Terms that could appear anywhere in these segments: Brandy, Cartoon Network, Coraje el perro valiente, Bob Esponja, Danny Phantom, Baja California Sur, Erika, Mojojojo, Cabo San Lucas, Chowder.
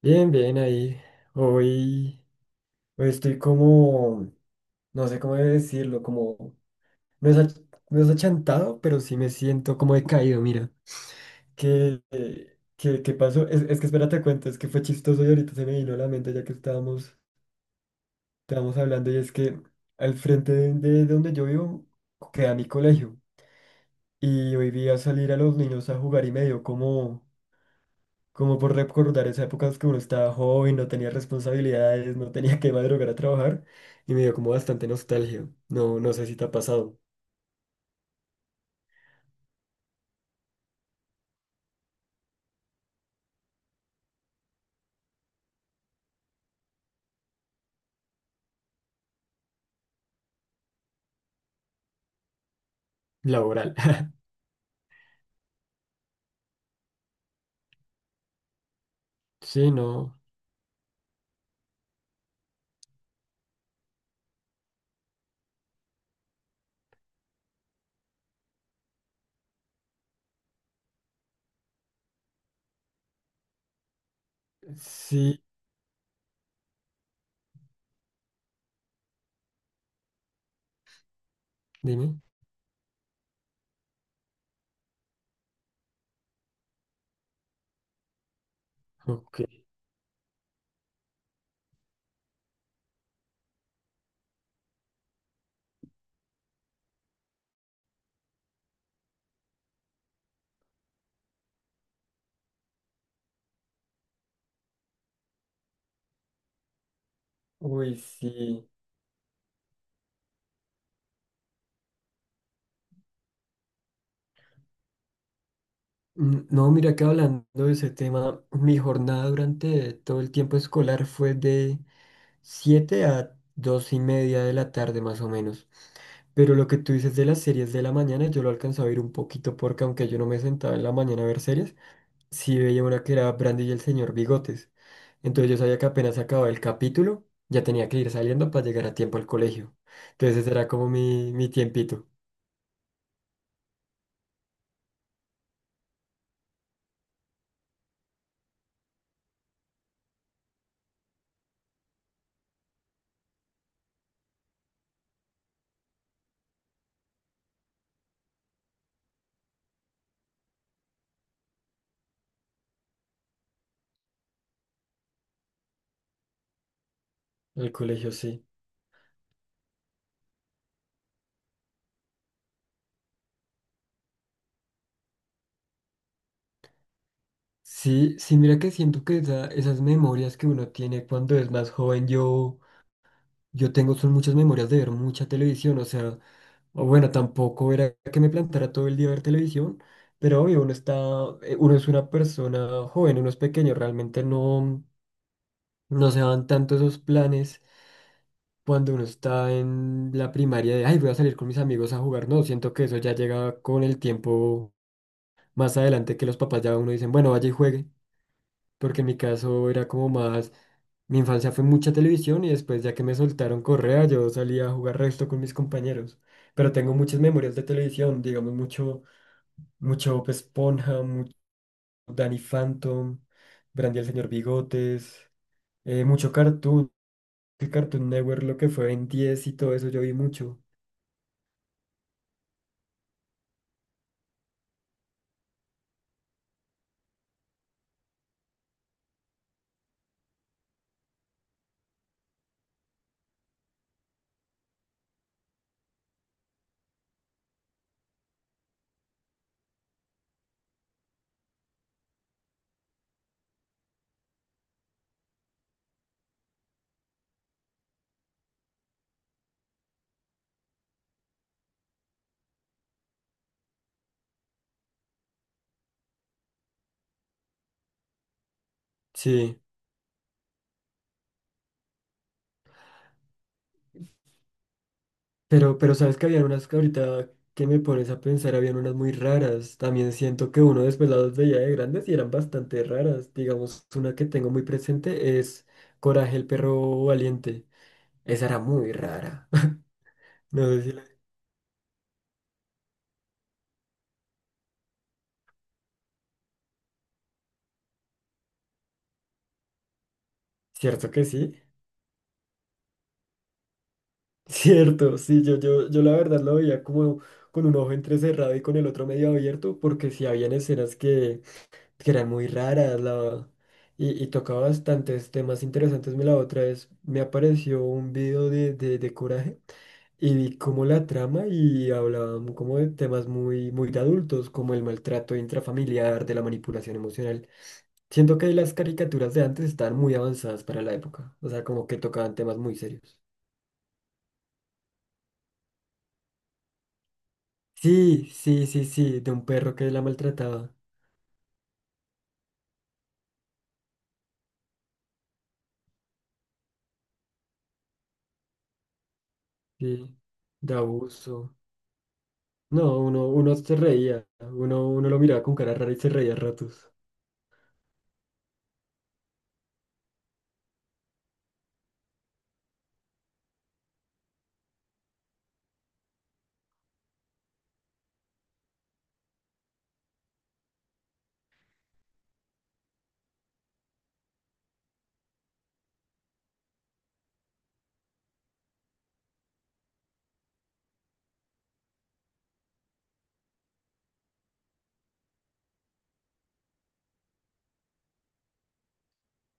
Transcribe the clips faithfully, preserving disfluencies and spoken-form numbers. Bien, bien, ahí. Hoy, hoy estoy como, no sé cómo decirlo, como, no es, ach- no es achantado, pero sí me siento como decaído, mira. ¿Qué, qué, qué pasó? Es, es que espérate, cuento, es que fue chistoso y ahorita se me vino a la mente ya que estábamos, estábamos hablando y es que al frente de, de donde yo vivo queda mi colegio y hoy vi a salir a los niños a jugar y me dio como como por recordar esa época en que uno estaba joven, no tenía responsabilidades, no tenía que madrugar a trabajar y me dio como bastante nostalgia. No, no sé si te ha pasado laboral. Sí, no. Sí, dime. Ok. Uy, sí. N- No, mira que hablando de ese tema, mi jornada durante todo el tiempo escolar fue de siete a dos y media de la tarde más o menos. Pero lo que tú dices de las series de la mañana, yo lo alcanzaba a ver un poquito porque aunque yo no me sentaba en la mañana a ver series, sí veía una que era Brandy y el Señor Bigotes. Entonces yo sabía que apenas acababa el capítulo, ya tenía que ir saliendo para llegar a tiempo al colegio. Entonces ese era como mi, mi tiempito. El colegio, sí. Sí, sí, mira que siento que esa- esas memorias que uno tiene cuando es más joven, yo, yo tengo son muchas memorias de ver mucha televisión, o sea, o bueno, tampoco era que me plantara todo el día a ver televisión, pero obvio, uno está, eh, uno es una persona joven, uno es pequeño, realmente no, no se dan tanto esos planes cuando uno está en la primaria de, ay, voy a salir con mis amigos a jugar. No, siento que eso ya llega con el tiempo más adelante que los papás ya a uno dicen, bueno, vaya y juegue, porque en mi caso era como más, mi infancia fue mucha televisión y después ya que me soltaron correa, yo salía a jugar resto con mis compañeros. Pero tengo muchas memorias de televisión, digamos, mucho, mucho Bob Esponja, mucho Danny Phantom, Brandy el Señor Bigotes, eh, mucho Cartoon, Cartoon Network, lo que fue en diez y todo eso yo vi mucho. Sí. Pero, pero sabes que habían unas que ahorita que me pones a pensar, habían unas muy raras. También siento que uno después las veía de grandes y eran bastante raras. Digamos, una que tengo muy presente es Coraje el perro valiente. Esa era muy rara. No sé si la- ¿Cierto que sí? Cierto, sí, yo, yo, yo la verdad lo veía como con un ojo entrecerrado y con el otro medio abierto, porque sí habían escenas que que eran muy raras, la y, y tocaba bastantes temas interesantes. Me La otra vez me apareció un video de, de, de Coraje y vi como la trama y hablaban como de temas muy, muy de adultos, como el maltrato intrafamiliar, de la manipulación emocional. Siento que las caricaturas de antes estaban muy avanzadas para la época, o sea, como que tocaban temas muy serios. Sí, sí, sí, sí, de un perro que la maltrataba, sí, de abuso. No, uno, uno se reía, uno, uno lo miraba con cara rara y se reía a ratos.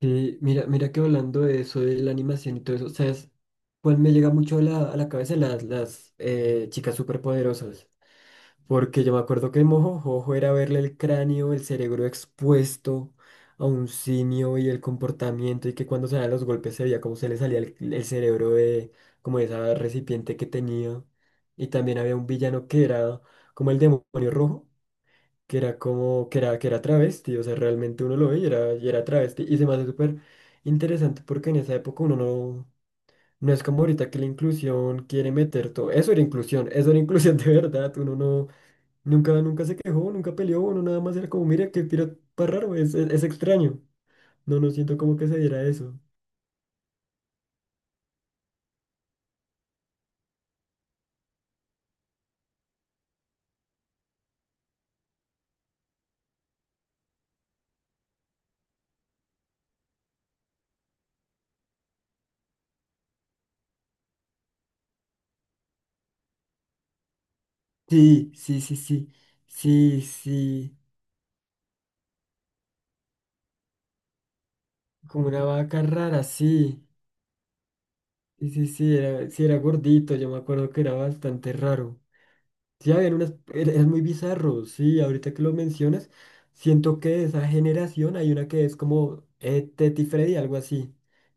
Sí, mira, mira que hablando de eso, de la animación y todo eso, ¿sabes? Pues me llega mucho a la, a la cabeza las, las eh, chicas superpoderosas, porque yo me acuerdo que Mojojojo era verle el cráneo, el cerebro expuesto a un simio y el comportamiento y que cuando se daban los golpes se veía cómo se le salía el, el cerebro de como de esa recipiente que tenía. Y también había un villano que era como el demonio rojo que era como, que era, que era travesti, o sea, realmente uno lo ve y era, y era travesti. Y se me hace súper interesante porque en esa época uno no, no es como ahorita que la inclusión quiere meter todo. Eso era inclusión, eso era inclusión de verdad. Uno no, nunca, nunca se quejó, nunca peleó, uno nada más era como, mira, qué piro tan raro, es, es, es extraño. No, no siento como que se diera eso. Sí, sí, sí, sí, sí, sí, como una vaca rara, sí. Sí, sí, sí, era, sí, era gordito, yo me acuerdo que era bastante raro. Sí, habían unas, es es muy bizarro, sí, ahorita que lo mencionas, siento que de esa generación hay una que es como eh, Teti Freddy, algo así,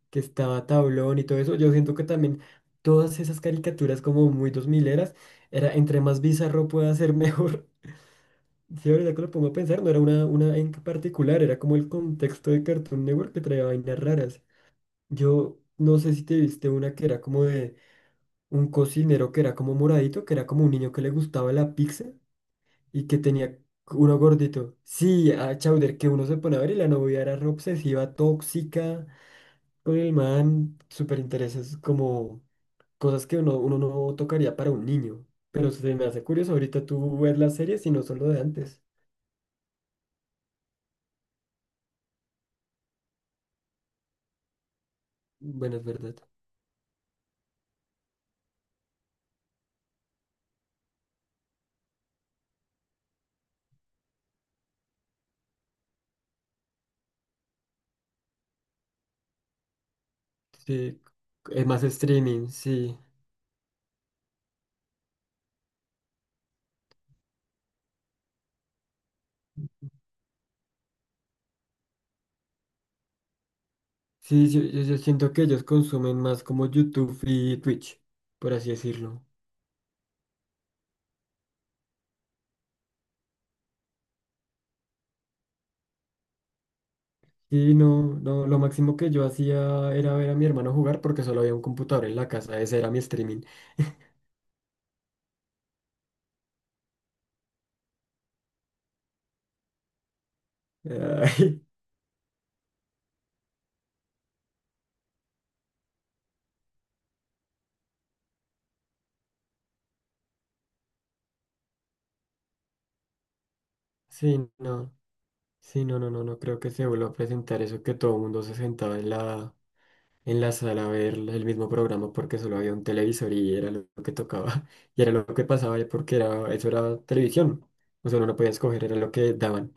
que estaba Tablón y todo eso, yo siento que también todas esas caricaturas como muy dos mileras, era entre más bizarro pueda ser mejor, sí, ahorita que lo pongo a pensar, no era una, una en particular, era como el contexto de Cartoon Network que traía vainas raras, yo no sé si te viste una que era como de un cocinero que era como moradito, que era como un niño que le gustaba la pizza, y que tenía uno gordito. Sí, a Chowder, que uno se pone a ver y la novia era re obsesiva, tóxica, con el man, súper intereses, como cosas que uno, uno no tocaría para un niño. Pero se me hace curioso, ahorita tú ves las series y no son lo de antes. Bueno, es verdad. Sí, es más streaming, sí. Sí, yo, yo yo siento que ellos consumen más como YouTube y Twitch, por así decirlo. Y no, no, lo máximo que yo hacía era ver a mi hermano jugar porque solo había un computador en la casa, ese era mi streaming. Ay, sí, no, sí, no, no, no, no creo que se vuelva a presentar eso que todo el mundo se sentaba en la, en la sala a ver el mismo programa porque solo había un televisor y era lo que tocaba, y era lo que pasaba porque era, eso era televisión, o sea, uno no podía escoger, era lo que daban.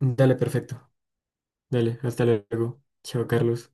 Dale, perfecto, dale, hasta luego. Chao, Carlos.